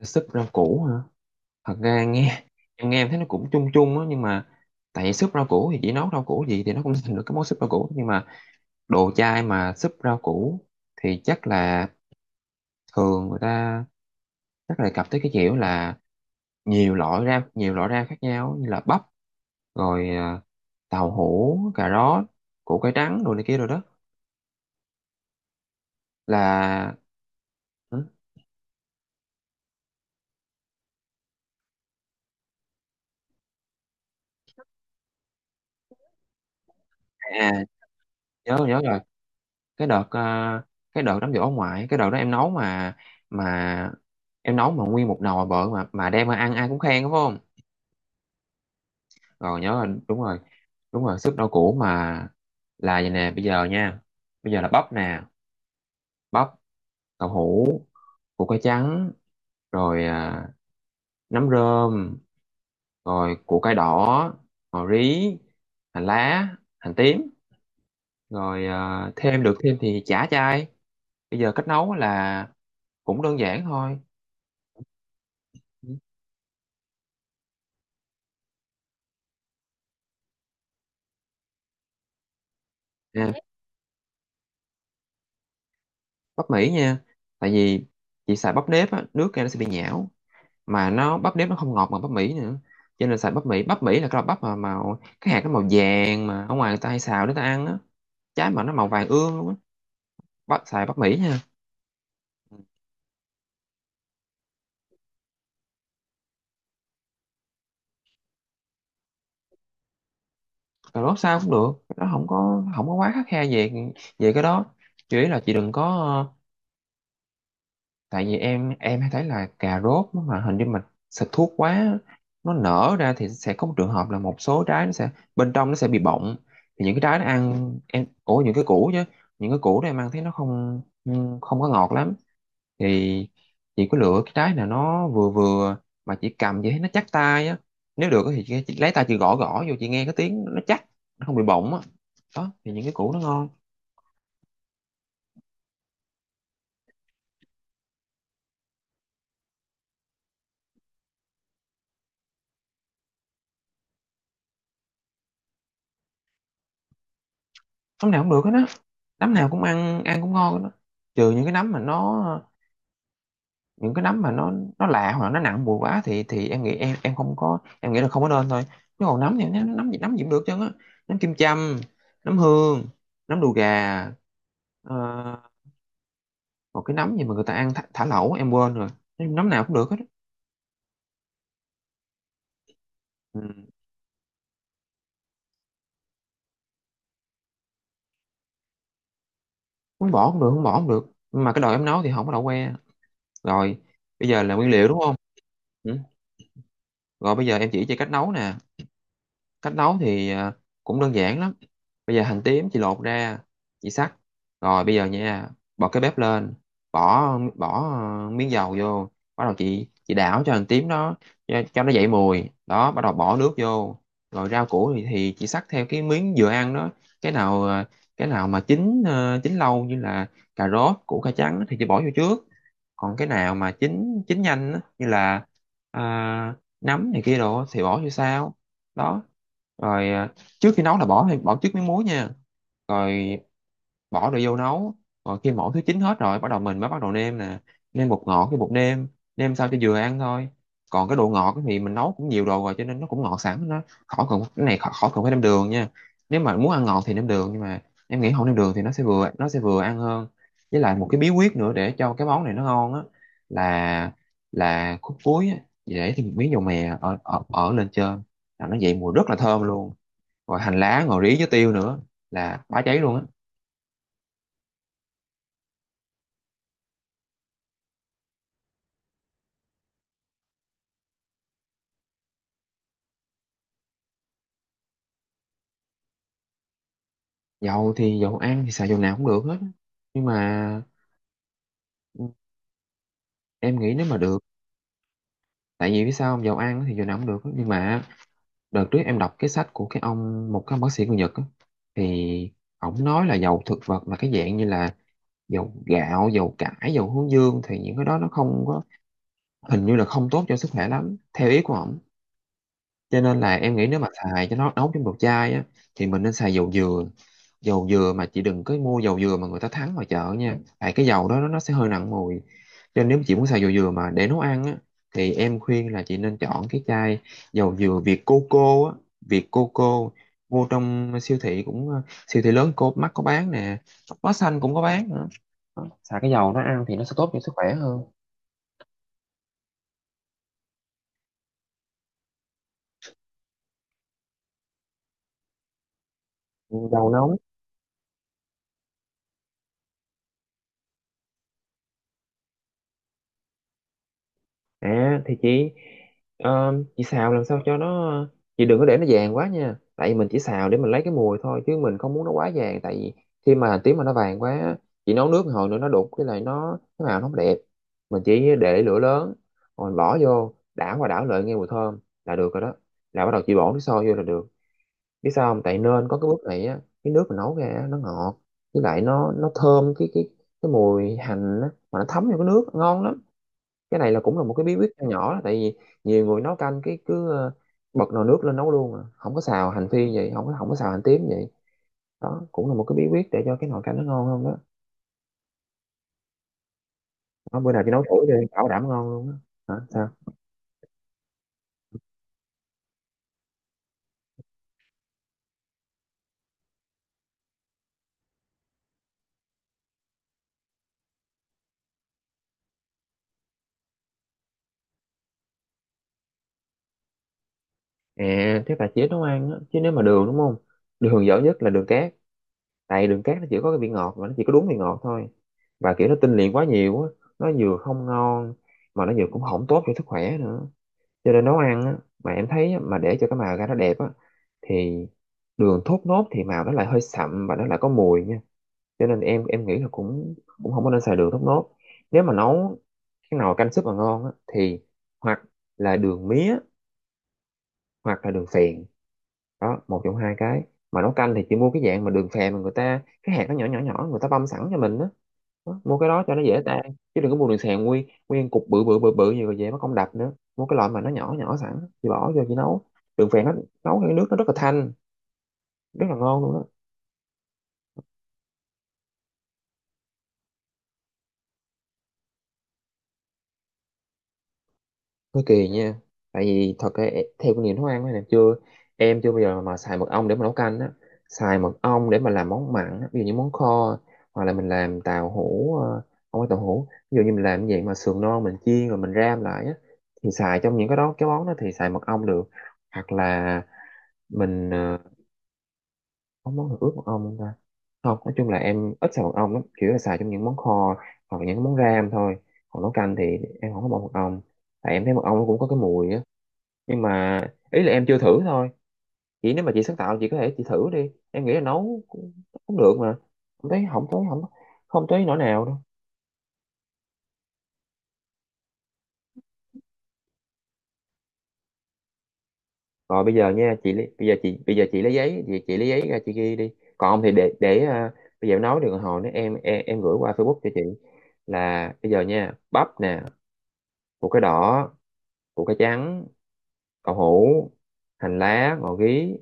Súp rau củ hả? Thật ra em nghe em thấy nó cũng chung chung á, nhưng mà tại vì súp rau củ thì chỉ nấu rau củ gì thì nó cũng thành được cái món súp rau củ, nhưng mà đồ chai mà súp rau củ thì chắc là thường người ta chắc là cặp tới cái kiểu là nhiều loại rau khác nhau, như là bắp, rồi tàu hũ, cà rốt, củ cải trắng, đồ này kia rồi đó là. Ừ, à, nhớ nhớ rồi. cái đợt ờ, cái đợt đám giỗ ông ngoại, cái đợt đó em nấu mà em nấu mà nguyên một nồi bự mà đem mà ăn, ai cũng khen, đúng không? Rồi nhớ là đúng rồi. Đúng rồi, súp rau củ mà. Là vậy nè, bây giờ nha. Bây giờ là bắp nè. Bắp, đậu hũ, củ cải trắng, rồi nấm rơm, rồi củ cải đỏ, ngò rí, hành lá, hành tím, rồi thêm được thêm thì chả chay. Bây giờ cách nấu là cũng đơn giản thôi. Bắp Mỹ nha. Tại vì chị xài bắp nếp á, nước ra nó sẽ bị nhão, mà nó bắp nếp nó không ngọt bằng bắp Mỹ nữa, cho nên xài bắp Mỹ. Bắp Mỹ là cái loại bắp mà màu cái hạt nó màu vàng, mà ở ngoài người ta hay xào để ta ăn á. Trái mà nó màu vàng ương luôn á. Bắp xài bắp Mỹ nha. Cà rốt sao cũng được, nó không có quá khắt khe về về cái đó. Chỉ là chị đừng có, tại vì em hay thấy là cà rốt nó mà hình như mình xịt thuốc quá, nó nở ra thì sẽ có một trường hợp là một số trái nó sẽ, bên trong nó sẽ bị bọng. Thì những cái trái nó ăn em, ủa, những cái củ chứ, những cái củ đó em ăn thấy nó không không có ngọt lắm. Thì chị có lựa cái trái nào nó vừa vừa mà chị cầm vậy thấy nó chắc tay á, nếu được thì chị lấy tay chị gõ gõ vô, chị nghe cái tiếng nó chắc, nó không bị bọng á. Đó thì những cái củ nó ngon. Nấm nào cũng được hết á. Nấm nào cũng ăn ăn cũng ngon hết á, trừ những cái nấm mà nó lạ, hoặc là nó nặng mùi quá, thì em nghĩ em không có em nghĩ là không có nên thôi. Chứ còn nấm thì nấm gì cũng được chứ á. Nấm kim châm, nấm hương, nấm đùi gà, ờ, một cái nấm gì mà người ta ăn thả lẩu em quên rồi. Nói chung nấm nào cũng được hết á. Ừ. Muốn bỏ cũng được, không bỏ cũng được, nhưng mà cái đồ em nấu thì không có đậu que. Rồi bây giờ là nguyên liệu, đúng không? Ừ. Rồi bây giờ em chỉ cho cách nấu nè. Cách nấu thì cũng đơn giản lắm. Bây giờ hành tím chị lột ra, chị xắt. Rồi bây giờ nha, bật cái bếp lên, bỏ bỏ miếng dầu vô. Bắt đầu chị đảo cho hành tím nó, cho nó dậy mùi đó, bắt đầu bỏ nước vô. Rồi rau củ thì chị xắt theo cái miếng vừa ăn đó. cái nào ờ, cái nào mà chín lâu như là cà rốt, củ cải trắng thì chị bỏ vô trước. Còn cái nào mà chín chín nhanh á, như là à, nấm này kia đồ á, thì bỏ vô sao đó. Rồi trước khi nấu là bỏ bỏ trước miếng muối nha. Rồi bỏ đồ vô nấu. Rồi khi mỗi thứ chín hết rồi, bắt đầu mình mới bắt đầu nêm nè. Nêm bột ngọt, cái bột nêm, nêm sao cho vừa ăn thôi. Còn cái độ ngọt thì mình nấu cũng nhiều đồ rồi cho nên nó cũng ngọt sẵn, nó khỏi cần cái này, khỏi cần phải nêm đường nha. Nếu mà muốn ăn ngọt thì nêm đường, nhưng mà em nghĩ không nêm đường thì nó sẽ vừa ăn hơn. Với lại một cái bí quyết nữa để cho cái món này nó ngon á là là khúc cuối á, để thêm một miếng dầu mè ở ở, ở lên trên, là nó dậy mùi rất là thơm luôn. Rồi hành lá, ngò rí với tiêu nữa là bá cháy luôn á. Dầu thì dầu ăn thì xài dầu nào cũng được hết. Nhưng mà ừ, em nghĩ nếu mà được, tại vì biết sao không, dầu ăn thì dầu nào cũng được. Nhưng mà đợt trước em đọc cái sách của cái ông, một cái ông bác sĩ người Nhật á, thì ổng nói là dầu thực vật là cái dạng như là dầu gạo, dầu cải, dầu hướng dương, thì những cái đó nó không có, hình như là không tốt cho sức khỏe lắm, theo ý của ổng. Cho nên là em nghĩ nếu mà xài cho nó nấu trong đồ chai á, thì mình nên xài dầu dừa. Dầu dừa mà chị đừng có mua dầu dừa mà người ta thắng ngoài chợ nha. Tại cái dầu đó nó sẽ hơi nặng mùi. Cho nên nếu chị muốn xài dầu dừa mà để nấu ăn á, thì em khuyên là chị nên chọn cái chai dầu dừa Việt Coco á, Việt Coco. Vô trong siêu thị cũng siêu thị lớn cô Mắc có bán nè, Bách Hóa Xanh cũng có bán nữa. Đó, xài cái dầu nó ăn thì nó sẽ tốt cho sức khỏe hơn. Dầu nấu. À thì chị xào làm sao cho nó, chị đừng có để nó vàng quá nha. Tại vì mình chỉ xào để mình lấy cái mùi thôi chứ mình không muốn nó quá vàng, tại vì khi mà hành tím mà nó vàng quá á, chị nấu nước một hồi nữa nó đục cái này, nó cái màu nó không đẹp. Mình chỉ để lửa lớn rồi bỏ vô đảo qua đảo lại, nghe mùi thơm là được rồi đó. Là bắt đầu chị bỏ nước sôi vô là được. Biết sao không? Tại nên có cái bước này á, cái nước mình nấu ra á, nó ngọt với lại nó thơm cái mùi hành á, mà nó thấm vô cái nước ngon lắm. Cái này là cũng là một cái bí quyết nho nhỏ đó, tại vì nhiều người nấu canh cái cứ bật nồi nước lên nấu luôn à. Không có xào hành phi vậy, không có xào hành tím vậy. Đó cũng là một cái bí quyết để cho cái nồi canh nó ngon hơn đó. Đó, bữa nào chị nấu thử đi, bảo đảm ngon luôn. Đó hả? Sao? À, thế là chỉ nấu ăn á, chứ nếu mà đường đúng không? Đường dở nhất là đường cát, tại đường cát nó chỉ có cái vị ngọt, mà nó chỉ có đúng vị ngọt thôi, và kiểu nó tinh luyện quá nhiều á, nó vừa không ngon mà nó vừa cũng không tốt cho sức khỏe nữa. Cho nên nấu ăn á, mà em thấy á, mà để cho cái màu ra nó đẹp á, thì đường thốt nốt thì màu nó lại hơi sậm và nó lại có mùi nha. Cho nên em nghĩ là cũng cũng không có nên xài đường thốt nốt. Nếu mà nấu cái nồi canh súp mà ngon á, thì hoặc là đường mía, hoặc là đường phèn. Đó, một trong hai cái. Mà nấu canh thì chị mua cái dạng mà đường phèn mà người ta cái hạt nó nhỏ nhỏ nhỏ, người ta băm sẵn cho mình đó, đó mua cái đó cho nó dễ tan. Chứ đừng có mua đường xèo nguyên nguyên cục bự bự bự bự như vậy về mất công đập nữa, mua cái loại mà nó nhỏ nhỏ sẵn, chị bỏ vô chị nấu. Đường phèn nó nấu cái nước nó rất là thanh, rất là ngon luôn đó. Có kỳ nha. Tại vì thật ra theo kinh nghiệm nấu ăn này chưa em chưa bao giờ mà xài mật ong để mà nấu canh á. Xài mật ong để mà làm món mặn á, ví dụ như món kho, hoặc là mình làm tàu hũ, không phải tàu hũ, ví dụ như mình làm cái dạng mà sườn non mình chiên rồi mình ram lại á, thì xài trong những cái đó, cái món đó thì xài mật ong được. Hoặc là mình, có món nào ướp mật ong không ta? Không, nói chung là em ít xài mật ong lắm, chủ yếu là xài trong những món kho hoặc là những món ram thôi. Còn nấu canh thì em không có bỏ mật ong, tại em thấy mật ong nó cũng có cái mùi á. Nhưng mà ý là em chưa thử thôi. Chị nếu mà chị sáng tạo chị có thể chị thử đi, em nghĩ là nấu cũng được mà. Không thấy, không thấy, không, không thấy nỗi nào đâu. Rồi bây giờ nha, bây giờ chị lấy giấy, chị lấy giấy ra chị ghi đi. Còn không thì bây giờ em nói, được hồi nữa em gửi qua Facebook cho chị. Là bây giờ nha, bắp nè, củ cái đỏ, củ cái trắng, đậu hũ, hành lá, ngò gí,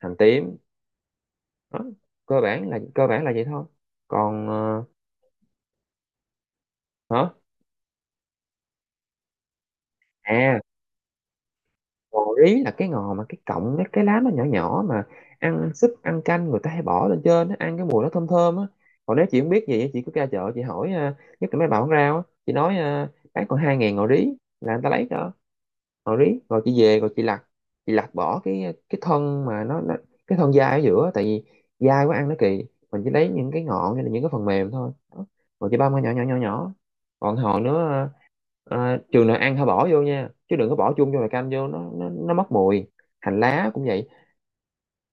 hành tím, đó. Cơ bản là vậy thôi. còn ờ, hả, à, ngò rí là cái ngò mà cái cọng, cái lá nó nhỏ nhỏ mà. Ăn ăn súp, ăn canh người ta hay bỏ lên trên á, ăn cái mùi nó thơm thơm á. Còn nếu chị không biết gì á, chị cứ ra chợ chị hỏi à, nhất là mấy bà bán rau á, chị nói à, bán còn 2.000 ngò rí là người ta lấy cho. Rồi rồi chị về rồi chị lặt, chị lặt bỏ cái thân mà nó cái thân dai ở giữa, tại vì dai quá ăn nó kỳ. Mình chỉ lấy những cái ngọn hay là những cái phần mềm thôi đó. Rồi chị băm ra nhỏ nhỏ nhỏ nhỏ, còn hòn nữa. Trường nào ăn hả bỏ vô nha, chứ đừng có bỏ chung vô nồi canh vô nó mất mùi. Hành lá cũng vậy,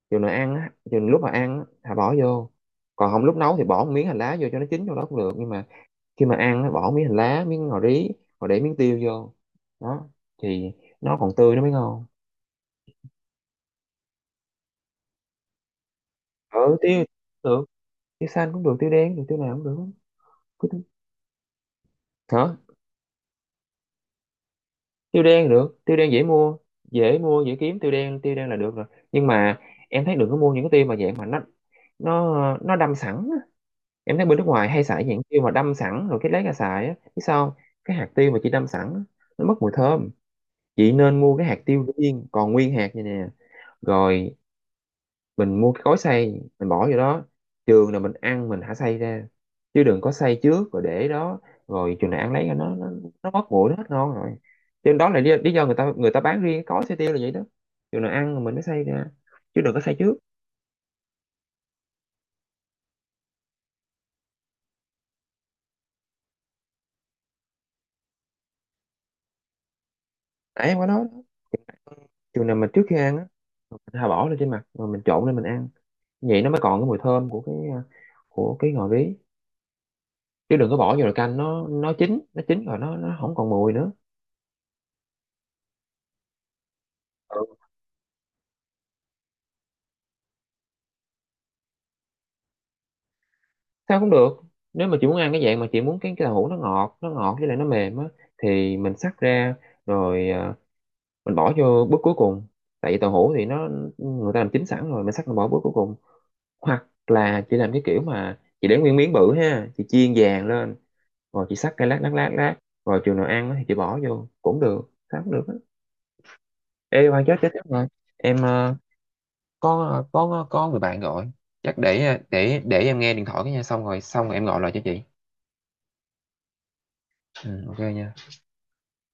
trường nào ăn á, trường lúc mà ăn á, hả bỏ vô. Còn không lúc nấu thì bỏ một miếng hành lá vô cho nó chín trong đó cũng được, nhưng mà khi mà ăn nó bỏ miếng hành lá, miếng ngò rí, rồi để miếng tiêu vô, đó, thì nó còn tươi nó mới ngon. Ừ, tiêu cũng được, tiêu xanh cũng được, tiêu đen cũng được, tiêu nào cũng được. Cứ tiêu- hả, tiêu đen được, tiêu đen dễ mua, dễ mua dễ kiếm, tiêu đen, tiêu đen là được rồi. Nhưng mà em thấy đừng có mua những cái tiêu mà dạng mà nó nó đâm sẵn á. Em thấy bên nước ngoài hay xài dạng tiêu mà đâm sẵn rồi cái lấy ra xài á, biết sao không? Cái hạt tiêu mà chị đâm sẵn á, nó mất mùi thơm. Chị nên mua cái hạt tiêu viên còn nguyên hạt như nè, rồi mình mua cái gói xay mình bỏ vô đó, trường là mình ăn mình thả xay ra, chứ đừng có xay trước rồi để đó. Rồi trường nào ăn lấy nó mất nguội nó hết ngon rồi. Cho nên đó là lý do người ta bán riêng cái gói xay tiêu là vậy đó. Trường nào ăn rồi mình mới xay ra, chứ đừng có xay trước. Nãy em có nói đó, trường nào mà trước khi ăn á mình thà bỏ lên trên mặt rồi mình trộn lên mình ăn, vậy nó mới còn cái mùi thơm của cái ngò rí. Chứ đừng có bỏ vô là canh nó chín rồi nó không còn mùi nữa. Ừ, sao cũng được. Nếu mà chị muốn ăn cái dạng mà chị muốn cái đậu hũ nó ngọt, nó ngọt với lại nó mềm á, thì mình xắt ra, rồi mình bỏ vô bước cuối cùng. Tại vì đậu hũ thì nó, người ta làm chín sẵn rồi mình xắt mình bỏ bước cuối cùng. Hoặc là chị làm cái kiểu mà chị để nguyên miếng bự ha, chị chiên vàng lên, rồi chị xắt cái lát lát lát lát, rồi chừng nào ăn á thì chị bỏ vô cũng được, sao cũng được á. Ê Hoàng, chết chết chết rồi, em có người bạn gọi, chắc để em nghe điện thoại cái nha, xong rồi, xong rồi em gọi lại cho chị. Ừ, ok nha